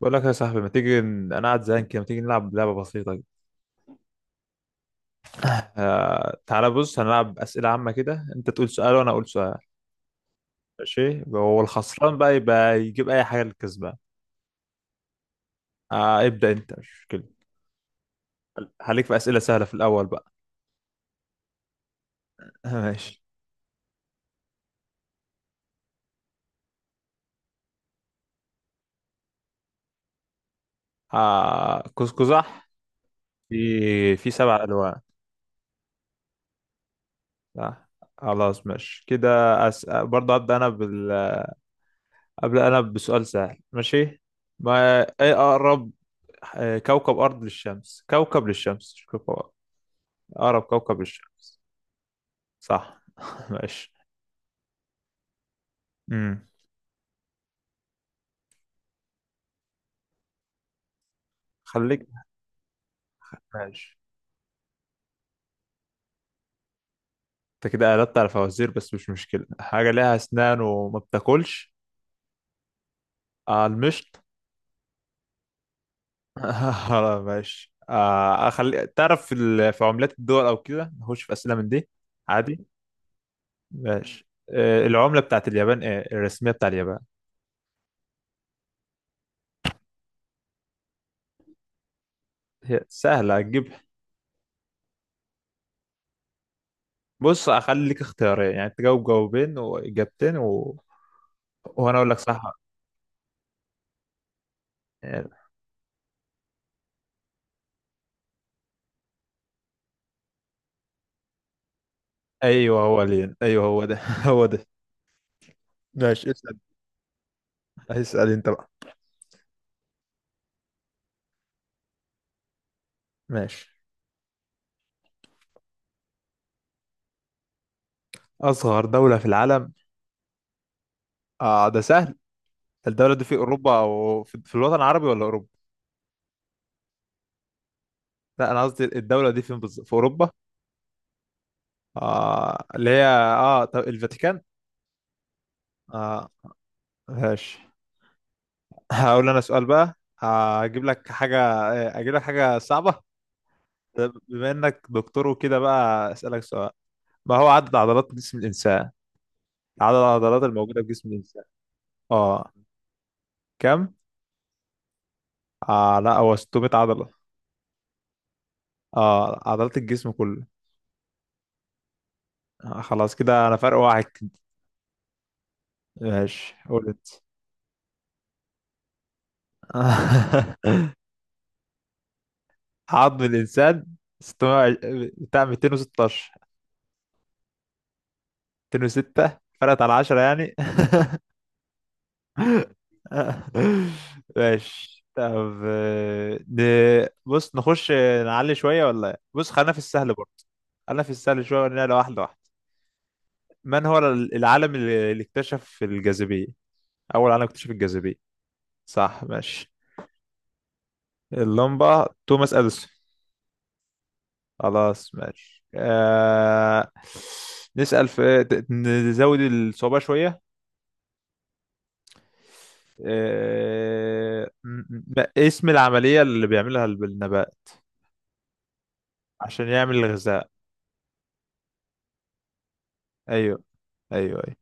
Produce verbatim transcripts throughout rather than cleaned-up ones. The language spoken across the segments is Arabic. بقول لك يا صاحبي، ما تيجي ن- انا قاعد زهقان كده، ما تيجي نلعب لعبه بسيطه كده. آه، تعالى بص هنلعب اسئله عامه كده، انت تقول سؤال وانا اقول سؤال. ماشي، هو الخسران بقى يبقى يجيب اي حاجه للكسبان. آه ابدا انت، مش مشكله. هليك في اسئله سهله في الاول بقى. ماشي. آه كوسكوزح في في سبع الوان. صح. خلاص ماشي كده. أس... برضه ابدا انا بال... ابدا انا بسؤال سهل، ماشي. ما ايه اقرب؟ آه، كوكب ارض للشمس، كوكب للشمس مش كوكب. أقرب كوكب للشمس. صح. ماشي. امم. خليك. ماشي. أنت كده قلبت على فوازير، بس مش مشكلة. حاجة ليها أسنان وما بتاكلش؟ آه، المشط. آه، ماشي. آه أخلي تعرف في ال- في عملات الدول أو كده، نخش في أسئلة من دي. عادي. ماشي، آه العملة بتاعت اليابان إيه الرسمية بتاع اليابان؟ هي سهلة هتجيب. بص أخليك اختيارين، يعني تجاوب جاوبين وإجابتين و... وأنا أقول لك صح. يعني أيوه هو لين، أيوه هو ده هو ده. ماشي، اسأل. اسأل انت بقى. ماشي، أصغر دولة في العالم. آه ده سهل. الدولة دي في أوروبا أو في, في الوطن العربي ولا أوروبا؟ لا، أنا قصدي الدولة دي فين بالظبط؟ في أوروبا؟ آه، اللي هي آه طب الفاتيكان؟ آه. ماشي. هقول أنا سؤال بقى. آه، أجيب لك حاجة آه، أجيب لك حاجة صعبة. طب بما إنك دكتور وكده بقى، أسألك سؤال. ما هو عدد عضلات جسم الإنسان؟ عدد العضلات الموجودة في جسم الإنسان؟ آه. كم؟ آه، لا هو ستمية عضلة. آه عضلات الجسم كله. آه، خلاص كده انا فرق واحد كده. ماشي، قول انت. عظم الانسان ستمية، بتاع ميتين وستاشر، ميتين وستة، فرقت على عشرة يعني. ماشي، طب آه، ن- بص نخش، نعلي شوية ولا إيه؟ بص خلينا في السهل برضه. خلينا في السهل شوية ونعلى واحدة واحدة. من هو ال- العالم اللي اللي اكتشف الجاذبية؟ أول عالم اكتشف الجاذبية. صح، ماشي. اللمبة توماس أديسون. خلاص، ماشي. آه... نسأل في ت- نزود الصعوبة شوية. آه... م- م- ما اسم العملية اللي بيعملها الب- النبات عشان يعمل الغذاء؟ أيوه، أيوه أيوه.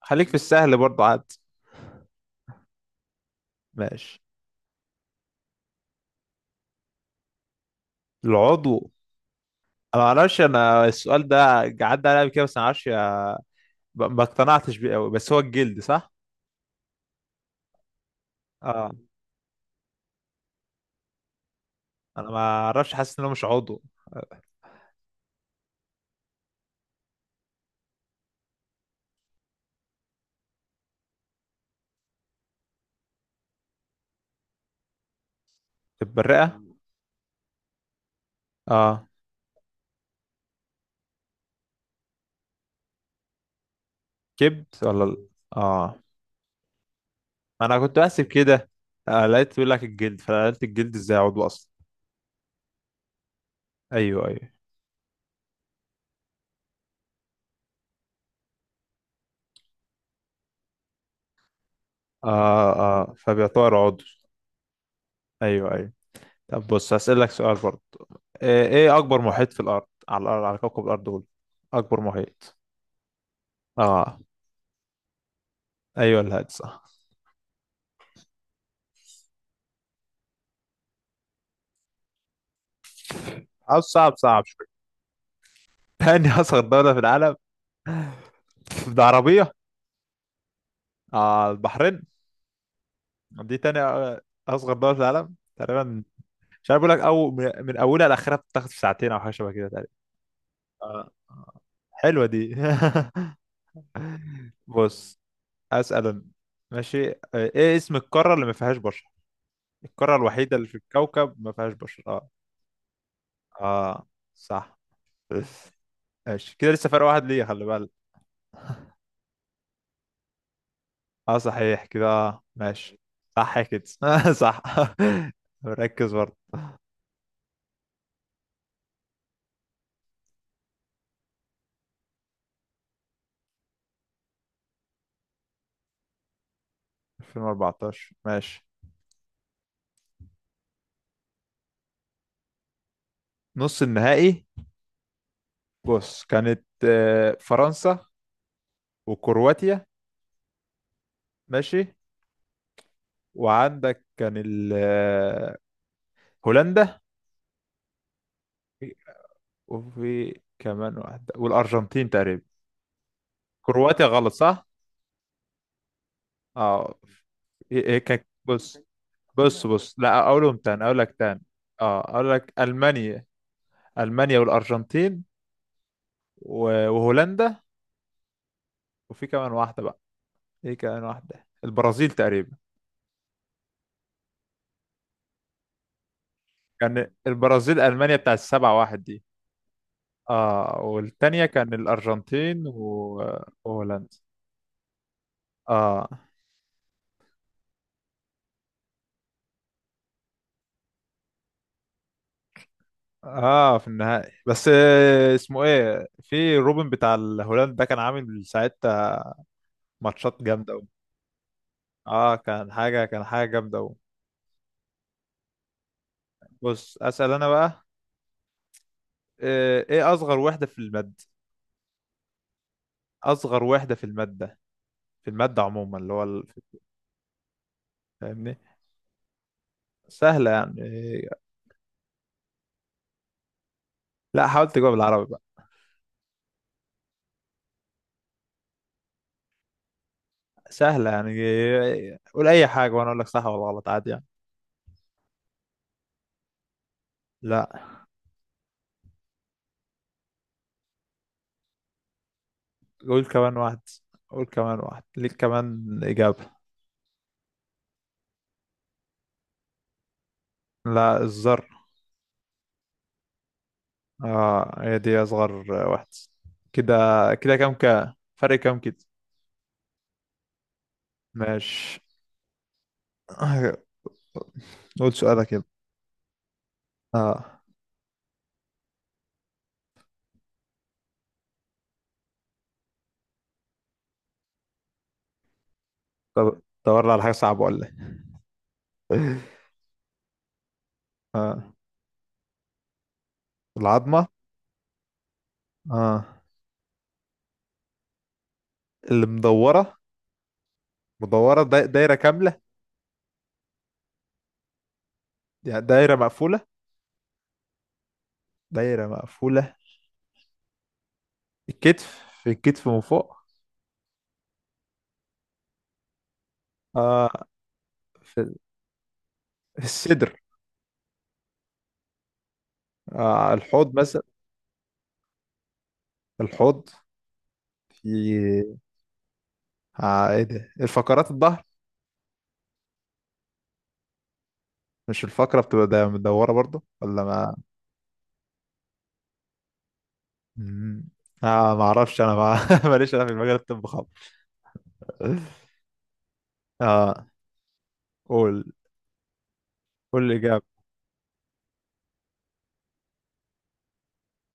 خليك في السهل برضه عاد. ماشي، العضو. أنا معرفش أنا السؤال ده، عدى عليا قبل كده، بس أنا معرفش. ما ما اقتنعتش بيه أوي، بس هو الجلد صح؟ أه. أنا ما أعرفش، حاسس إنه مش عضو. البرقة. أه، كبد ولا ال- اه، ما انا كنت بحسب كده. آه، لقيت بيقول لك الجلد، فقلت الجلد ازاي عضو اصلا. ايوه ايوه. اه اه، فبيعتبر عضو. ايوه ايوه. طب بص هسألك سؤال برضه. آه، ايه اكبر محيط في الارض، على الارض، على كوكب الارض، قول. اكبر محيط. اه. ايوه الهادي صح. او صعب، صعب شويه. تاني اصغر دوله في العالم. ده عربيه. اه البحرين. دي تاني آه، اصغر دوله في العالم تقريبا. مش عارف اقول لك، او من من اولها لاخرها بتاخد في ساعتين او حاجه شبه كده تقريبا. آه. آه. حلوه دي. بص اسال أنا. ماشي، آه ايه اسم القاره اللي ما فيهاش بشر؟ القاره الوحيده اللي في الكوكب ما فيهاش بشر، اه. اه، صح. ماشي كده، لسه فرق واحد ليا، خلي بالك. اه صحيح كده، آه ماشي. صح كده. صح. ركز برضه. ألفين وأربعتاشر ماشي، نص النهائي. بص، كانت آه، فرنسا، وكرواتيا. ماشي، وعندك كان ال- آه، هولندا. وفي كمان واحدة، والأرجنتين تقريبا. كرواتيا غلط صح؟ اه. إيه إيه كان، بص بص بص، لا أقولهم تاني، أقول لك تاني. اه، أقول لك ألمانيا. ألمانيا والأرجنتين و- وهولندا. وفي كمان واحدة بقى. ايه كمان واحدة؟ البرازيل تقريبا. كان البرازيل ألمانيا بتاع السبعة واحد دي. اه، والتانية كان الأرجنتين و- وهولندا. اه اه، في النهائي، بس آه، اسمه ايه في روبن بتاع الهولند ده كان عامل ساعتها ماتشات جامده قوي. اه، كان حاجه كان حاجه جامده قوي. بص اسال انا بقى. آه، ايه اصغر وحده في الماده؟ اصغر وحده في الماده، في الماده عموما اللي هو ال- فاهمني؟ سهله يعني. آه. لا، حاولت تجاوب بالعربي بقى. سهله يعني. آه، قول اي حاجه وانا اقول لك صح ولا غلط، عادي يعني. لا. قول كمان واحد. قول كمان واحد، ليك كمان اجابه. لا، الذره. اه، هي دي اصغر واحدة. كده، كده كام، كا فرق كام كده. ماشي. قول سؤالك يلا. اه، طب دور على حاجة صعبة ولا ايه. اه، العظمة. اه، اللي مدورة. مدورة، دا- دايرة كاملة، يعني دايرة مقفولة. دايرة مقفولة. الكتف، في الكتف من فوق. اه، في في الصدر. آه الحوض مثلا. الحوض. في. آه ايه ده، الفقرات الظهر. مش الفقرة بتبقى دا- مدورة برضو ولا ما؟ مم. آه ما اعرفش انا ما... ماليش انا في المجال الطب خالص. اه، قول. قول الاجابه.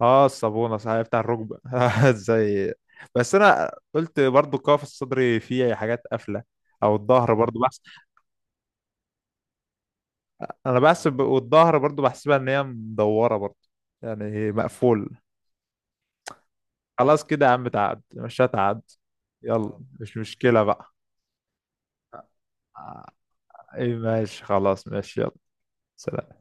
اه الصابونه صحيح بتاع الركبه. ازاي! بس انا قلت برضو القفص الصدري فيه حاجات قافله، او الظهر برضو بحس، انا بحسب والظهر برضو بحسبها ان هي مدوره برضو، يعني مقفول. خلاص كده يا عم، تعاد مش هتعد. يلا مش مشكله بقى. آه، ايه ماشي، خلاص ماشي، يلا. سلام.